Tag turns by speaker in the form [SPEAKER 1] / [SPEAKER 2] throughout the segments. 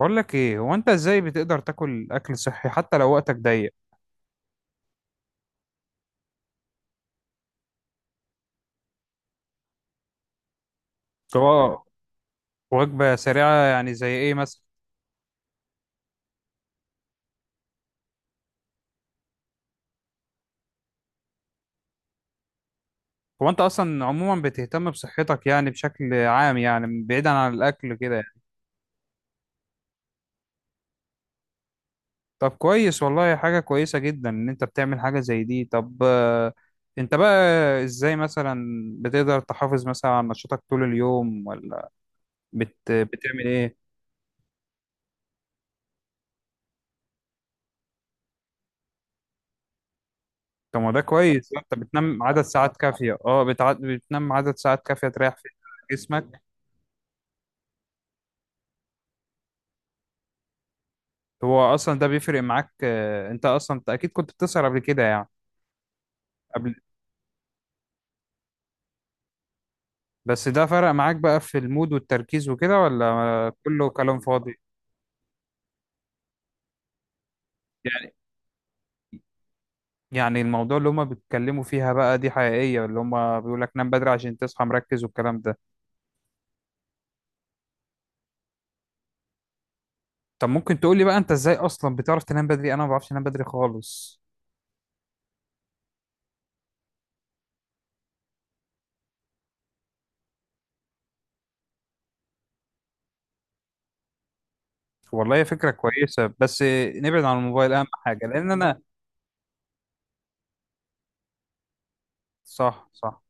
[SPEAKER 1] بقول لك ايه، هو انت ازاي بتقدر تاكل اكل صحي حتى لو وقتك ضيق؟ هو وجبة سريعة يعني زي ايه مثلا؟ هو انت اصلا عموما بتهتم بصحتك يعني بشكل عام، يعني بعيدا عن الاكل كده يعني. طب كويس والله، حاجة كويسة جدا ان انت بتعمل حاجة زي دي. طب انت بقى ازاي مثلا بتقدر تحافظ مثلا على نشاطك طول اليوم، ولا بتعمل ايه؟ طب ما ده كويس، انت بتنام عدد ساعات كافية. بتنام عدد ساعات كافية تريح فيها جسمك. هو اصلا ده بيفرق معاك. انت اكيد كنت بتسهر قبل كده يعني قبل. بس ده فرق معاك بقى في المود والتركيز وكده، ولا كله كلام فاضي؟ يعني يعني الموضوع اللي هما بيتكلموا فيها بقى دي حقيقية، اللي هما بيقول لك نام بدري عشان تصحى مركز والكلام ده؟ طب ممكن تقول لي بقى انت ازاي اصلا بتعرف تنام بدري؟ انا ما بعرفش انام بدري خالص. والله هي فكرة كويسة، بس نبعد عن الموبايل اهم حاجة لان انا. صح صح.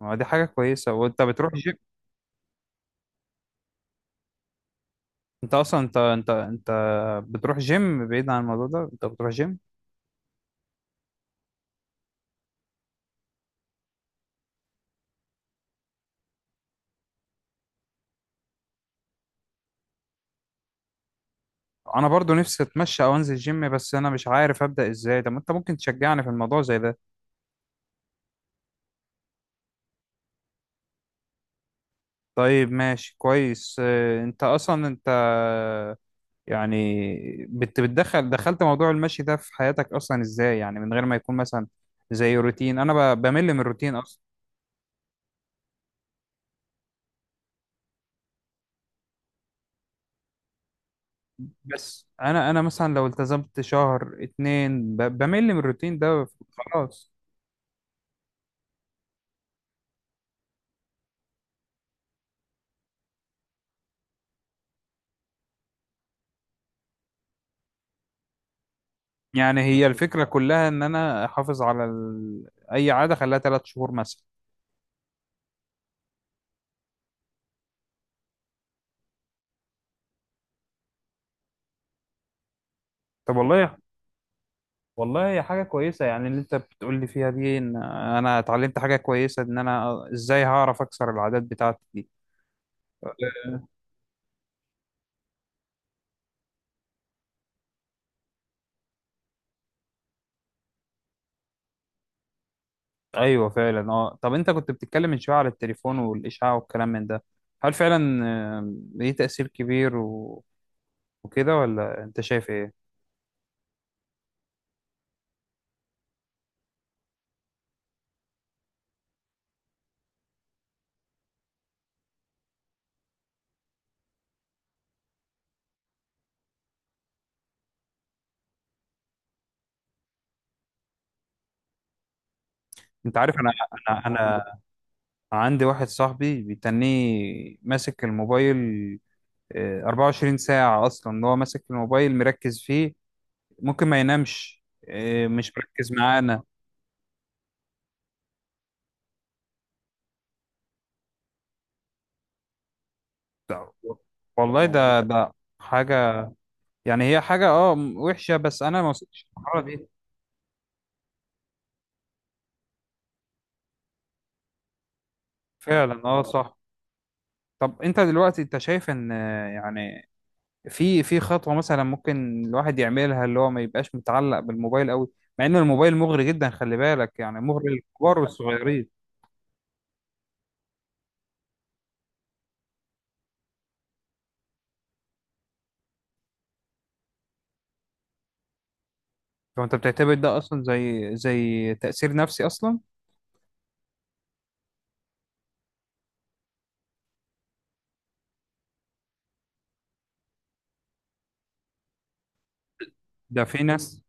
[SPEAKER 1] ما دي حاجة كويسة، وانت بتروح الجيم. انت اصلا انت بتروح جيم؟ بعيد عن الموضوع ده، انت بتروح جيم؟ انا برضو نفسي اتمشى او انزل جيم، بس انا مش عارف ابدا ازاي. طب ما انت ممكن تشجعني في الموضوع زي ده؟ طيب ماشي كويس. اه، انت يعني بتدخل دخلت موضوع المشي ده في حياتك اصلا ازاي؟ يعني من غير ما يكون مثلا زي روتين. انا بمل من الروتين اصلا. بس انا مثلا لو التزمت شهر اتنين بمل من الروتين ده خلاص. يعني هي الفكرة كلها ان انا احافظ على اي عادة خليها 3 شهور مثلا؟ طب والله. والله هي حاجة كويسة يعني اللي انت بتقول لي فيها دي، ان انا اتعلمت حاجة كويسة ان انا ازاي هعرف اكسر العادات بتاعتي دي. ايوه فعلا. اه طب انت كنت بتتكلم من شوية على التليفون والاشعاع والكلام من ده، هل فعلا ليه تأثير كبير وكده، ولا انت شايف ايه؟ انت عارف انا. انا انا عندي واحد صاحبي بيتنيه ماسك الموبايل، 24 ساعة أصلا. اللي هو ماسك الموبايل مركز فيه، ممكن ما ينامش، مش مركز معانا. ده- والله يا عم، ده حاجة. يعني هي حاجة وحشة، بس أنا ما وصلتش للمرحلة دي. فعلا صح. طب أنت دلوقتي أنت شايف إن يعني في خطوة مثلا ممكن الواحد يعملها اللي هو ما يبقاش متعلق بالموبايل أوي، مع إن الموبايل مغري جدا خلي بالك، يعني مغري للكبار والصغيرين. فأنت بتعتبر ده أصلا زي تأثير نفسي أصلا؟ ده في ناس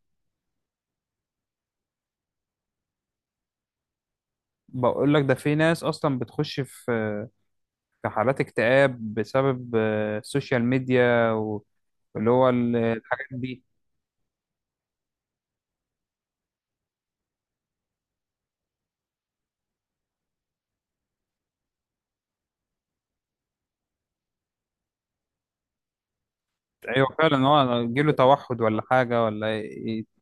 [SPEAKER 1] بقول لك ده في ناس اصلا بتخش في حالات اكتئاب بسبب السوشيال ميديا واللي هو الحاجات دي. ايوه فعلا، هو يجيله توحد ولا حاجه ولا إيه.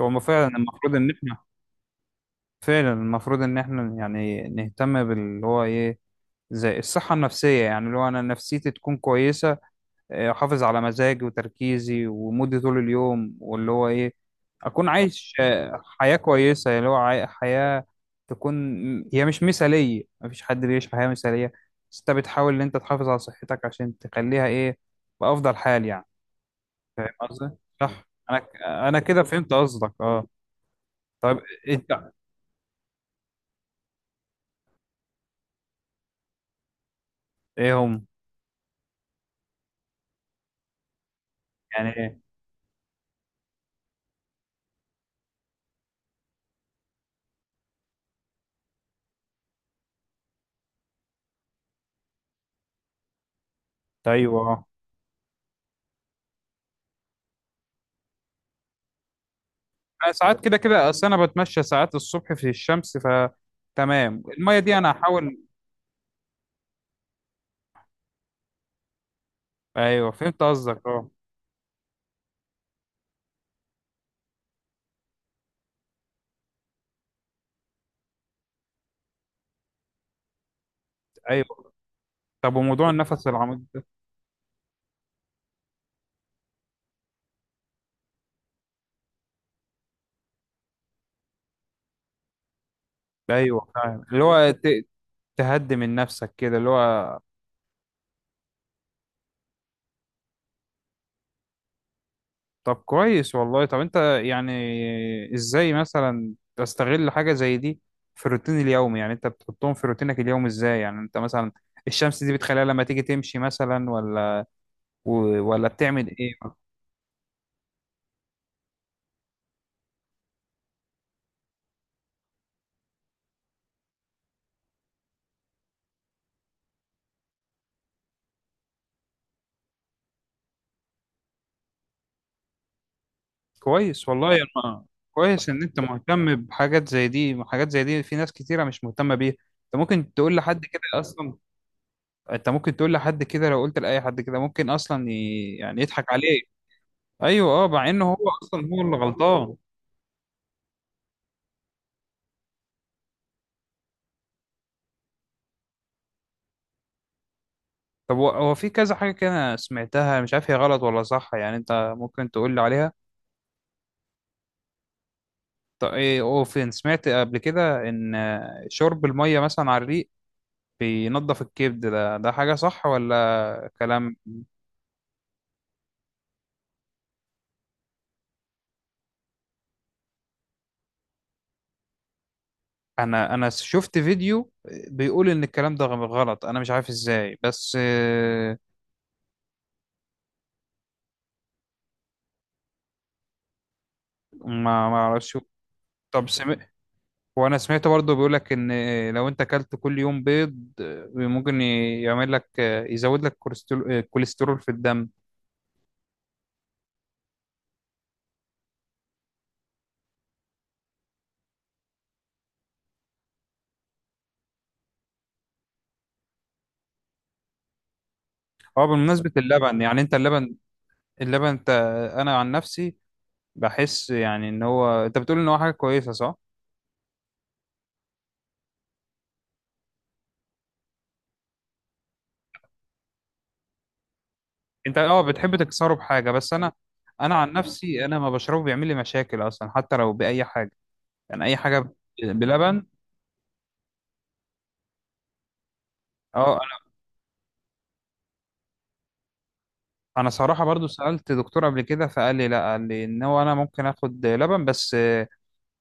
[SPEAKER 1] هو ما فعلا المفروض ان احنا فعلا المفروض ان احنا يعني نهتم باللي هو ايه، زي الصحه النفسيه يعني اللي هو انا نفسيتي تكون كويسه، احافظ على مزاجي وتركيزي ومودي طول اليوم، واللي هو ايه اكون عايش حياة كويسة اللي هو حياة تكون. هي مش مثالية، مفيش حد بيعيش حياة مثالية، بس انت بتحاول ان انت تحافظ على صحتك عشان تخليها ايه، بافضل حال يعني. فاهم قصدي؟ صح. انا كده فهمت قصدك اه. طيب انت، ايه هم؟ يعني ايه؟ طيب اه. انا ساعات كده كده اصل انا بتمشى ساعات الصبح في الشمس. ف تمام، المية دي انا هحاول. ايوه فهمت قصدك اه. ايوه، طب وموضوع النفس العميق ده؟ ايوه فاهم، اللي هو تهدي من نفسك كده اللي هو. طب كويس والله. طب انت يعني ازاي مثلا تستغل حاجه زي دي في الروتين اليومي؟ يعني انت بتحطهم في روتينك اليومي ازاي يعني؟ انت مثلا الشمس دي بتخليها لما تيجي تمشي مثلا، ولا ولا بتعمل ايه؟ كويس والله يا ما. كويس ان انت مهتم بحاجات زي دي. حاجات زي دي في ناس كتيره مش مهتمه بيها. انت ممكن تقول لحد كده اصلا انت ممكن تقول لحد كده لو قلت لاي حد كده، ممكن اصلا يعني يضحك عليه. ايوه اه، مع انه هو اصلا هو اللي غلطان. طب هو في كذا حاجه كده أنا سمعتها، مش عارف هي غلط ولا صح، يعني انت ممكن تقول لي عليها؟ طب ايه، او فين سمعت قبل كده ان شرب الميه مثلا على الريق بينضف الكبد؟ ده حاجه صح ولا كلام؟ انا شفت فيديو بيقول ان الكلام ده غلط، انا مش عارف ازاي بس ما اعرفش. طب سمعت وانا سمعت برضو بيقولك ان لو انت اكلت كل يوم بيض، ممكن يعمل لك يزود لك الكوليسترول في الدم. اه بمناسبة اللبن، يعني انت اللبن، اللبن انت. انا عن نفسي بحس يعني ان هو انت بتقول ان هو حاجة كويسة صح؟ انت اه بتحب تكسره بحاجة، بس انا عن نفسي انا ما بشربه، بيعمل لي مشاكل اصلا حتى لو باي حاجة، يعني اي حاجة بلبن. اه انا صراحة برضو سألت دكتور قبل كده، فقال لي لا، قال لي ان هو انا ممكن اخد لبن بس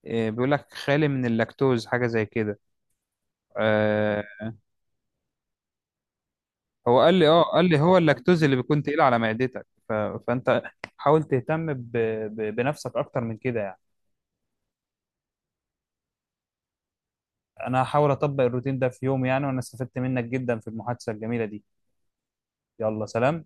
[SPEAKER 1] إيه، بيقول لك خالي من اللاكتوز حاجه زي كده. آه هو قال لي، قال لي هو اللاكتوز اللي بيكون تقيل على معدتك. فانت حاول تهتم بنفسك اكتر من كده يعني. انا هحاول اطبق الروتين ده في يوم يعني، وانا استفدت منك جدا في المحادثه الجميله دي. يلا سلام.